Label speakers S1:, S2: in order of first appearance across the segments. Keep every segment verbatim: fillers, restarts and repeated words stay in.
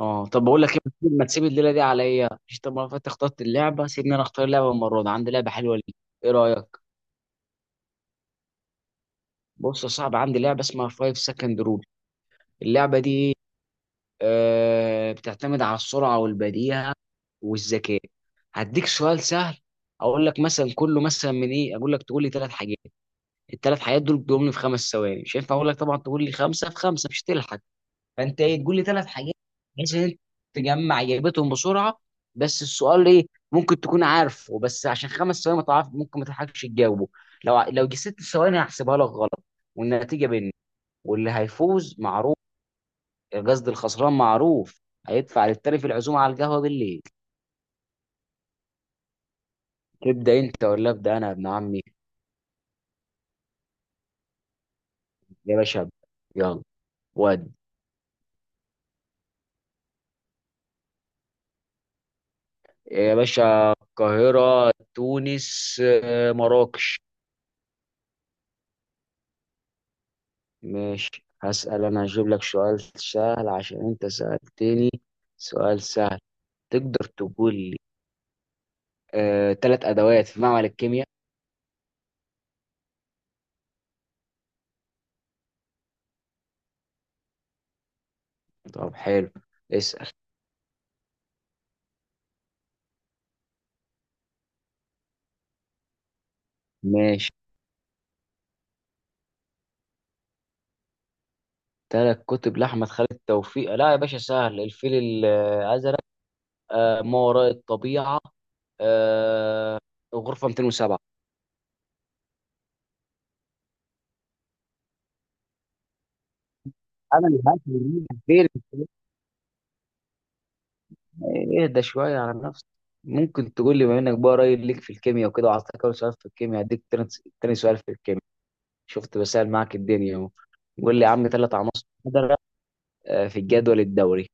S1: اه طب بقول لك ايه، ما تسيب ما تسيب الليله دي عليا، مش طب ما فاتت اخترت اللعبه، سيبني انا اختار اللعبه المره دي، عندي لعبه حلوه ليك. ايه رايك؟ بص يا صاحبي، عندي لعبه اسمها خمسة سكند رول. اللعبه دي ايه؟ آه بتعتمد على السرعه والبديهه والذكاء. هديك سؤال سهل، اقول لك مثلا كله، مثلا من ايه، اقول لك تقول لي ثلاث حاجات. الثلاث حاجات دول بيقوم لي في خمس ثواني، مش هينفع اقول لك طبعا تقول لي خمسه في خمسه مش هتلحق. فانت ايه، تقول لي ثلاث حاجات بحيث ان انت تجمع اجابتهم بسرعه. بس السؤال ايه؟ ممكن تكون عارفه، بس عشان خمس ثواني ما تعرف ممكن ما تلحقش تجاوبه. لو ع- لو جه ست ثواني هحسبها لك غلط. والنتيجه بيننا، واللي هيفوز معروف. قصدي الخسران معروف، هيدفع للتاني في العزومه على القهوه بالليل. تبدا انت ولا ابدا انا يا ابن عمي؟ يا باشا ابدأ. يلا ود. يا باشا، القاهره، تونس، آه، مراكش. ماشي، هسأل أنا، هجيب لك سؤال سهل عشان أنت سألتني. سؤال سهل، تقدر تقول لي آه، تلات أدوات في معمل الكيمياء؟ طب حلو، اسأل. ماشي، تلات كتب لأحمد خالد توفيق؟ لا يا باشا سهل، الفيل الأزرق، آه، ما وراء الطبيعة، آه، غرفة مئتين وسبعة. أنا اللي هات؟ فين؟ اهدى شوية على نفسك. ممكن تقول لي، بما إنك بقى قريب ليك في الكيمياء وكده وعطاك أول سؤال في الكيمياء، هديك تاني، تاني سؤال في الكيمياء. شفت بسأل معاك الدنيا اهو. قول لي يا عم ثلاث عناصر قدرة آه، في الجدول الدوري.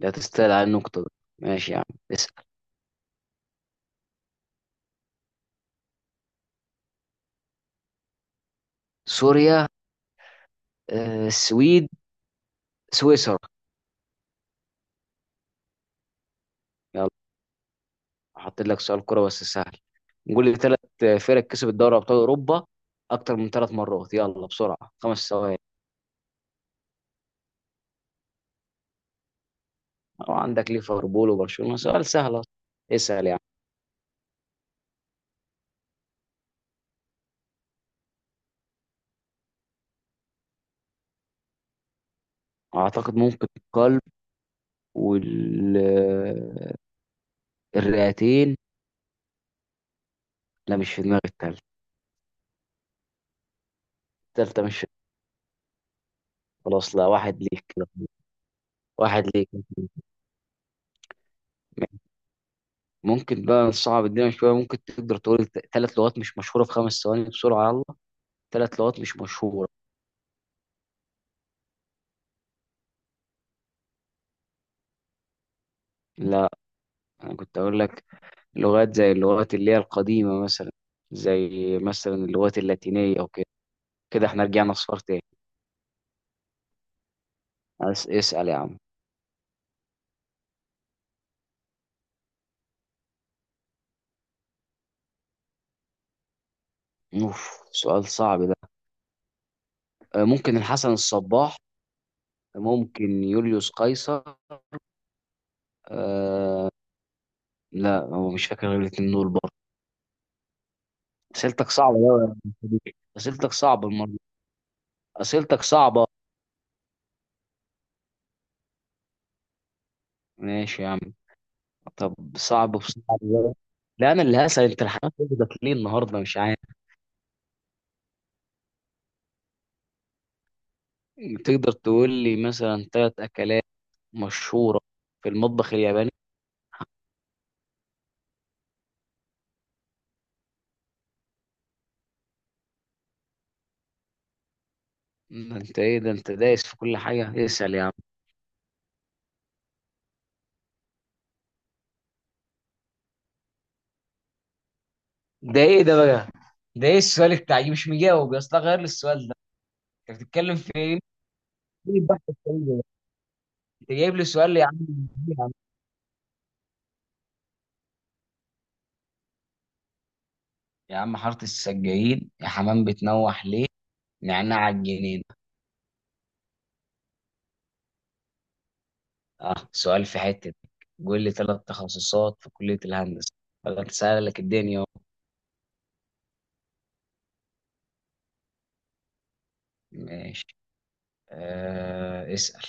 S1: ده تستاهل على النقطة دي. ماشي يا عم، اسأل. سوريا، آه، السويد، سويسرا. يلا، حاطط لك سؤال كرة بس سهل. قول لي ثلاث فرق كسبت دوري أبطال أوروبا أكتر من ثلاث مرات، يلا بسرعة، خمس ثواني. وعندك ليفربول وبرشلونة، سؤال سهل أصلا. اسأل يعني. أعتقد ممكن القلب والرئتين. لا مش في دماغي التالتة. التالتة مش في- خلاص لا، واحد ليك كده. واحد ليك. ممكن بقى نصعب الدنيا شوية؟ ممكن تقدر تقول ثلاث لغات مش مشهورة في خمس ثواني بسرعة، يلا. ثلاث لغات مش مشهورة. لا، أنا كنت أقول لك لغات زي اللغات اللي هي القديمة مثلا، زي مثلا اللغات اللاتينية أو كده. كده احنا رجعنا صفار تاني. عايز- اسأل يا عم. أوف، سؤال صعب ده. آه، ممكن الحسن الصباح، ممكن يوليوس قيصر، أه لا، هو مش فاكر غير الاتنين دول برضه. أسئلتك صعبة أوي يا أبو حميد. أسئلتك صعبة، اسئلتك صعبه. ماشي يا عم. طب صعب في صعب بقى. لا انا اللي هسأل، انت الحمام واخدك ليه النهارده مش عارف. تقدر تقول لي مثلا ثلاث اكلات مشهوره في المطبخ الياباني؟ ده انت ايه، ده انت دايس في كل حاجه، اسأل يا عم. ده ايه ده بقى؟ ده ايه السؤال بتاعي، مش مجاوب يا اسطى، غير لي السؤال ده. انت بتتكلم في ايه؟ إيه البحث السريع ده؟ انت جايب لي سؤال يا عم، يا عم. يا عم حاره السجايين، يا حمام بتنوح ليه، نعناع الجنين. اه سؤال في حتة، قول لي ثلاث تخصصات في كلية الهندسة. بدأت أسألك الدنيا أهو. ماشي، آه اسأل.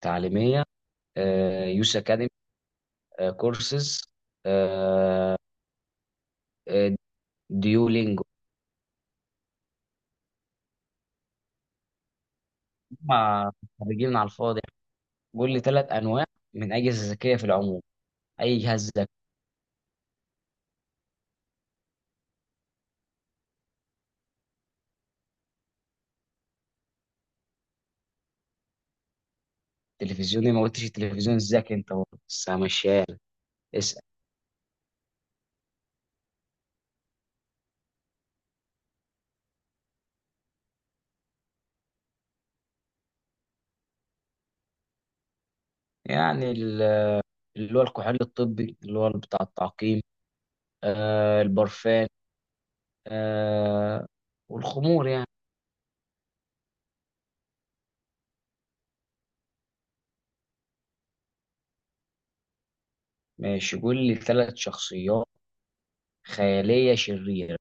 S1: تعليمية. آه يوس أكاديمي، آه كورسز، آه آه، ديولينجو. مع خريجين على الفاضي. قول لي ثلاث أنواع من أجهزة ذكية في العموم، أي جهاز ذكي. تلفزيوني ما قلتش التلفزيون الذكي أنت برضه، بس ماشية. اسأل يعني. ال- اللي هو الكحول الطبي اللي هو بتاع التعقيم، آه البرفان، آه والخمور يعني. ماشي قول لي ثلاث شخصيات خيالية شريرة،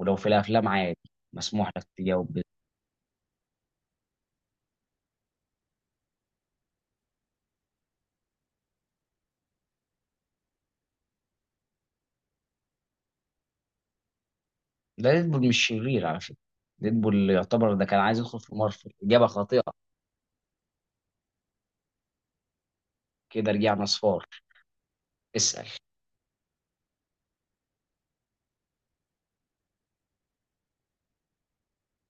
S1: ولو في الأفلام عادي، مسموح لك تجاوب بس. ده ديدبول مش شرير على فكرة، ديدبول يعتبر ده كان عايز يدخل في مارفل، إجابة خاطئة. كده رجعنا صفار. اسأل.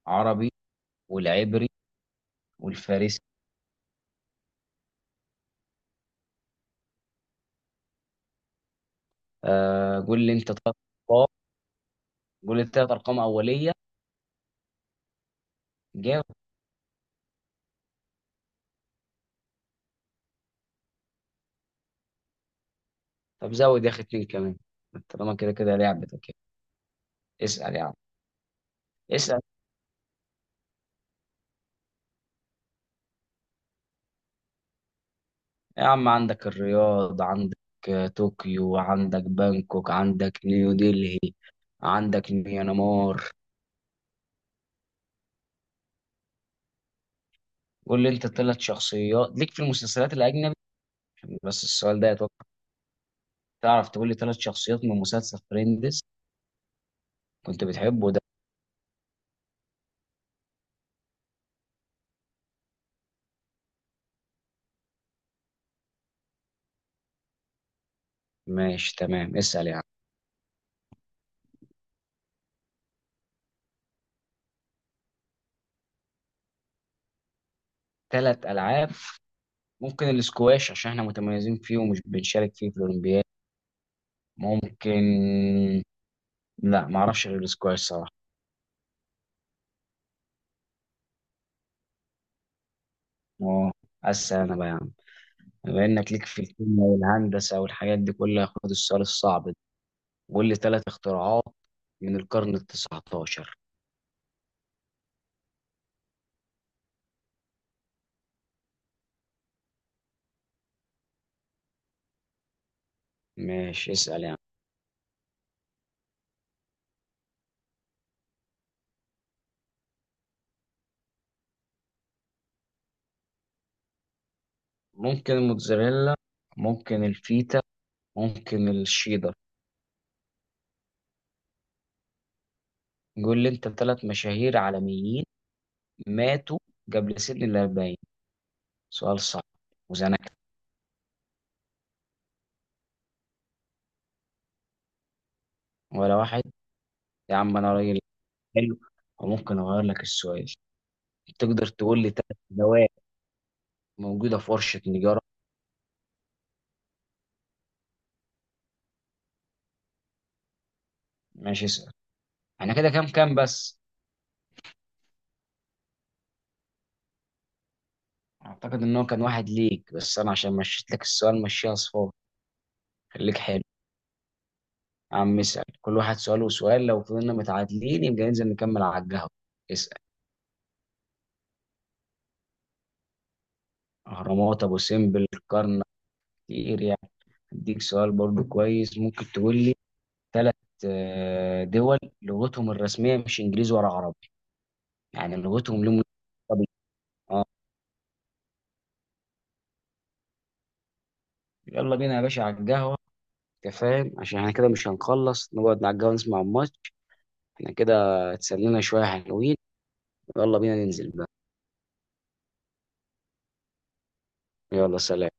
S1: عربي، والعبري، والفارسي. آه قول لي أنت ثلاث أرقام، قول لي ثلاث أرقام أولية. جاوب. طب زود يا أخي اتنين كمان، طالما كده كده لعبتك يعني. اسأل يا عم. اسأل يا عم، عندك الرياض، عندك آه، طوكيو، عندك بانكوك، عندك نيو ديلي، عندك ميانمار. قول لي انت ثلاث شخصيات ليك في المسلسلات الاجنبي. بس السؤال ده اتوقع تعرف، تقول لي ثلاث شخصيات من مسلسل فريندز، كنت بتحبه ده. ماشي تمام، اسال يعني. ثلاث العاب، ممكن الاسكواش عشان احنا متميزين فيه ومش بنشارك فيه في الاولمبياد. ممكن، لا ما اعرفش غير الاسكواش صراحه. اه، اسال انا بقى يا عم. بما انك ليك في الكيمياء والهندسه والحاجات دي كلها، خد السؤال الصعب ده. قول لي ثلاث اختراعات من القرن ال التسعتاشر. ماشي اسال يعني. ممكن الموتزاريلا، ممكن الفيتا، ممكن الشيدر. قول لي انت ثلاث مشاهير عالميين ماتوا قبل سن ال الأربعين. سؤال صعب، وزنك. ولا واحد؟ يا عم انا راجل حلو، وممكن اغير لك السؤال. تقدر تقول لي ثلاث دواء موجوده في ورشه نجاره؟ ماشي اسال. انا كده كام كام بس؟ اعتقد ان هو كان واحد ليك، بس انا عشان مشيت لك السؤال مشيها صفار. خليك حلو يا عم، اسال كل واحد سؤال وسؤال، لو فضلنا متعادلين يبقى ننزل نكمل على القهوه. اسال. اهرامات، ابو سمبل، كرنك. كتير يعني. اديك سؤال برضو كويس، ممكن تقول لي ثلاث دول لغتهم الرسميه مش انجليزي ولا عربي. يعني لغتهم لهم. عربي. اه يلا بينا يا باشا على القهوه. انت فاهم، عشان احنا كده مش هنخلص، نقعد على القهوه نسمع الماتش. احنا كده اتسلينا شويه، حلوين. يلا بينا ننزل بقى. يلا، سلام.